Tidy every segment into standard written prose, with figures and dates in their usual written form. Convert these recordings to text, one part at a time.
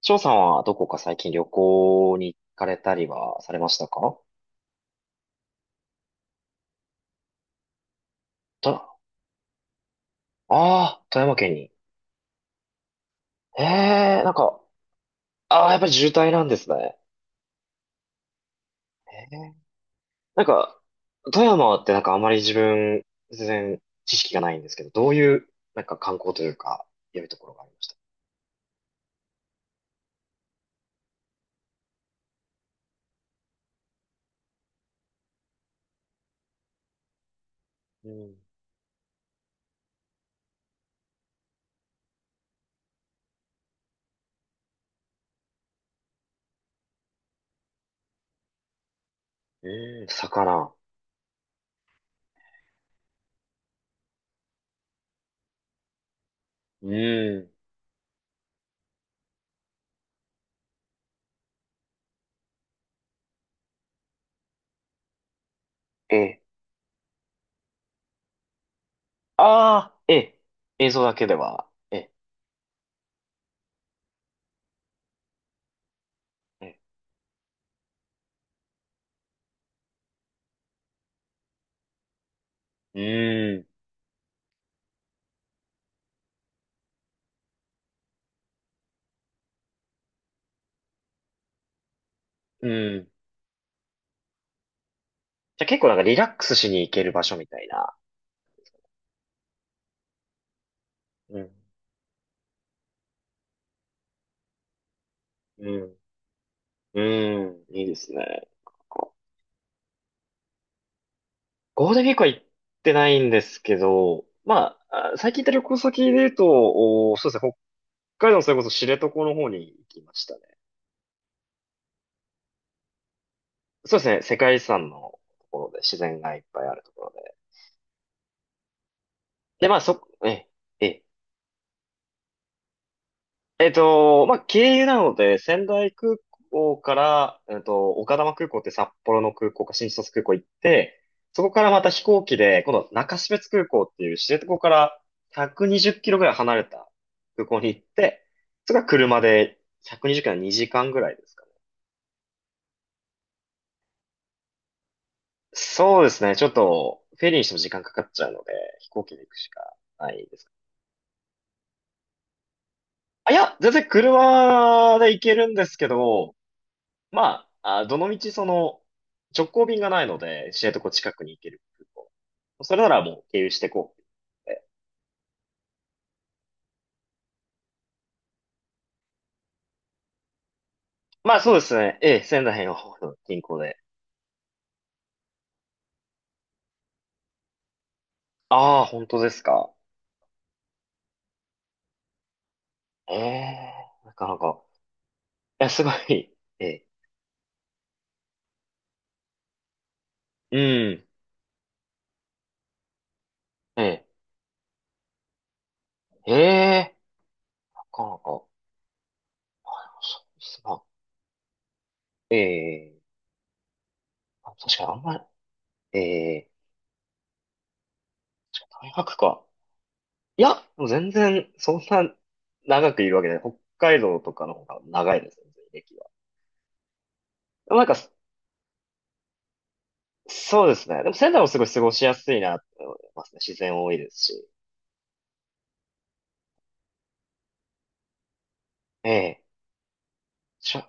翔さんはどこか最近旅行に行かれたりはされましたか？と、ああー、富山県に。ええ、なんか、ああ、やっぱり渋滞なんですね。ええ、なんか、富山ってなんかあまり自分、全然知識がないんですけど、どういう、なんか観光というか、良いところがありました？うん。え、魚。うん。ええ。ああ、ええ。映像だけでは。ええ。ええ、うん。うん。じゃあ結構なんかリラックスしに行ける場所みたいな。うん、うん。うん。いいですね。ゴールデンウィークは行ってないんですけど、まあ、あ、最近行った旅行先で言うと、お、そうですね、北海道のそれこそ知床の方に行きましたね。そうですね、世界遺産のところで自然がいっぱいあるところで。で、まあそ、え、え、えっと、まあ、経由なので、仙台空港から、丘珠空港って札幌の空港か新千歳空港行って、そこからまた飛行機で、今度中標津空港っていう知床から120キロぐらい離れた空港に行って、それから車で120キロは2時間ぐらいですかね。そうですね。ちょっと、フェリーにしても時間かかっちゃうので、飛行機で行くしかないです。あ、いや、全然車で行けるんですけど、まあ、あ、どの道その、直行便がないので、知床近くに行ける空港。それならもう経由してこう。え、まあ、そうですね。ええ、仙台の方の近郊で。ああ、本当ですか。ええ、なかなか。いや、すごい。ええ、うん。ええ、ええ、なかなか。そうですな。ええ、あ、確かにあんまり、ええ、大学か。いや、もう全然、そんな長くいるわけで、北海道とかの方が長いです、全然歴は。でもなんか、そうですね。でも仙台もすごい過ごしやすいなって思いますね。自然多いですし。ええ、ちょ、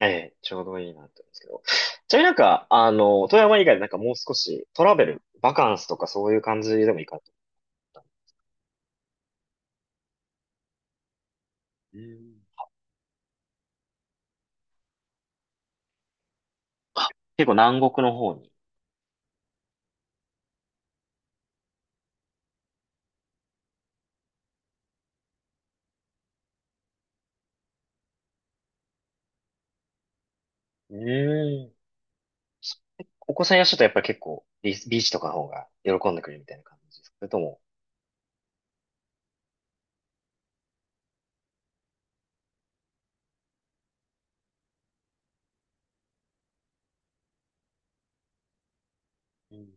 ええ、ちょうどいいなって思うんですけど。ちなみになんか、あの、富山以外でなんかもう少しトラベル、バカンスとかそういう感じでもいいかと思ったんで。うん、結構南国の方に。うん。お子さんいらっしゃるとやっぱり結構ビー、ビーチとかの方が喜んでくれるみたいな感じですか、それとも？うん、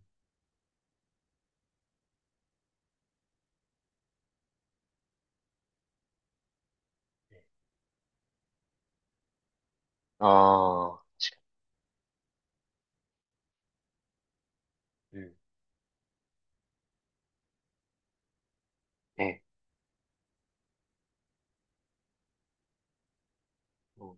ああ、うん、ええ、うん、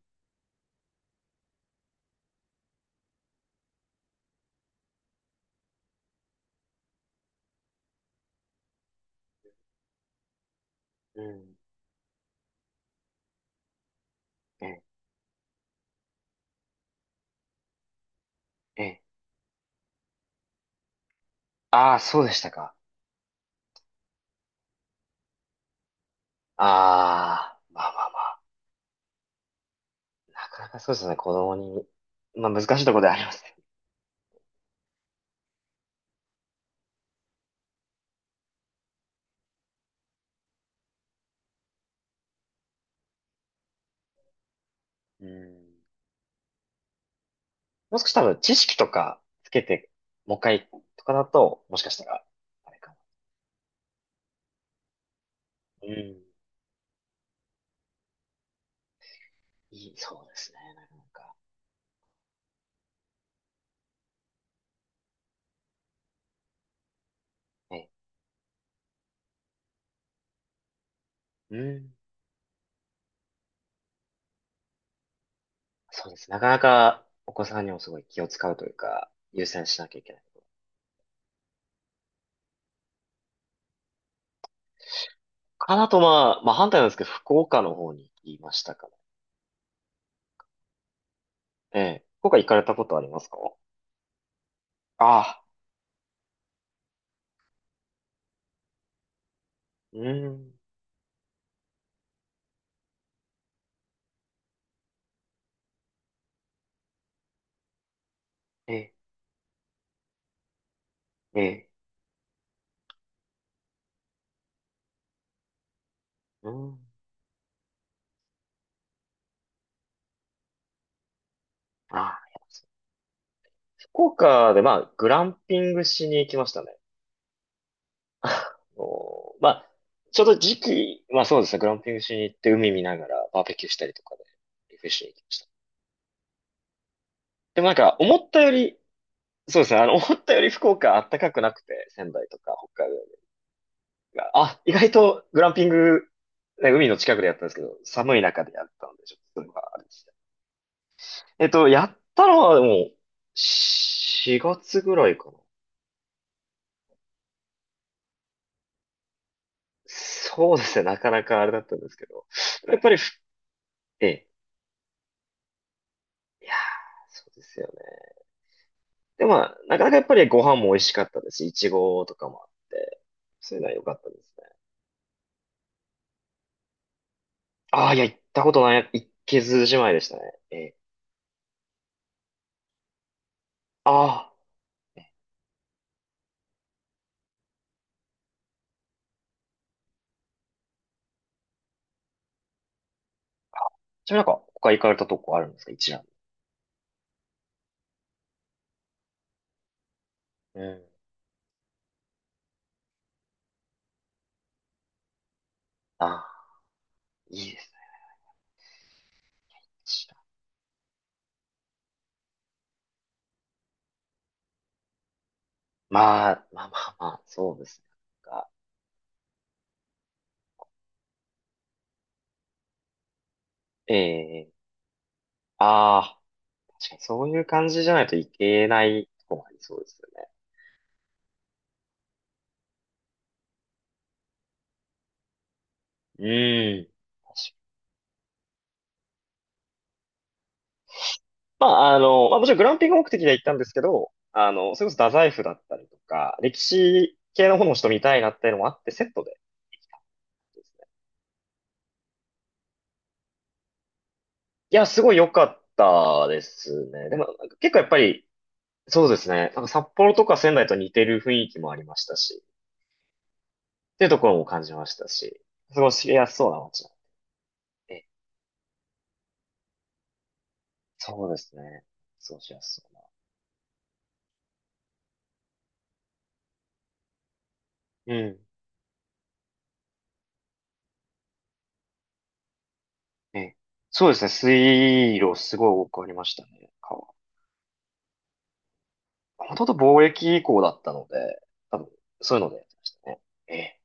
うん、ええ、ええ。ああ、そうでしたか。ああ、まあまあまあ、なかなかそうですね、子供に。まあ難しいところではありますね。うん。もう少し多分知識とかつけて、もう一回とかだと、もしかしたら、あれかな。うん。いい、そうですね、なかなか。ね。うん。そうです。なかなかお子さんにもすごい気を使うというか、優先しなきゃいけない。かなと、まあ、まあ反対なんですけど、福岡の方に行きましたから。ええ。福岡行かれたことありますか？ああ。うん。ええ、ええ。うん。ああ。福岡で、まあ、グランピングしに行きましたね。あのまあ、ちょうど時期、まあそうですね、グランピングしに行って海見ながらバーベキューしたりとかで、リフレッシュに行きました。でもなんか、思ったより、そうですね、あの、思ったより福岡あったかくなくて、仙台とか北海道が、あ、意外とグランピング、ね、海の近くでやったんですけど、寒い中でやったので、ちょっとそれはあれですね。やったのはでも、4月ぐらいかな。そうですね、なかなかあれだったんですけど、やっぱり、ええ。いやー、そうですよね。でもまあ、なかなかやっぱりご飯も美味しかったですし、いちごとかもあって、そういうのは良かったですね。ああ、いや、行ったことない、行けずじまいでしたね。ええ。ああ、ええ、ちなみになんか、他行かれたとこあるんですか、一覧。うん。ああ、いいですね。一覧、まあ、まあまあまあ、そうですね。なんか、ええ、ああ、確かにそういう感じじゃないといけないとこもありそうですよね。うん。確かに、まあ、あの、まあ、もちろんグランピング目的で行ったんですけど、あの、それこそ太宰府だったりとか、歴史系の方の人見たいなっていうのもあって、セットで行きたんですね。いや、すごい良かったですね。でも、なんか結構やっぱり、そうですね。なんか札幌とか仙台と似てる雰囲気もありましたし、っていうところも感じましたし、過ごしやすそうな街なんで。え、そうですね。過ごしやすそうな。うん。え、そうですね。水路すごい多くありましたね。川ほとんど貿易以降だったので、多分、そういうのでやってましたね。ええ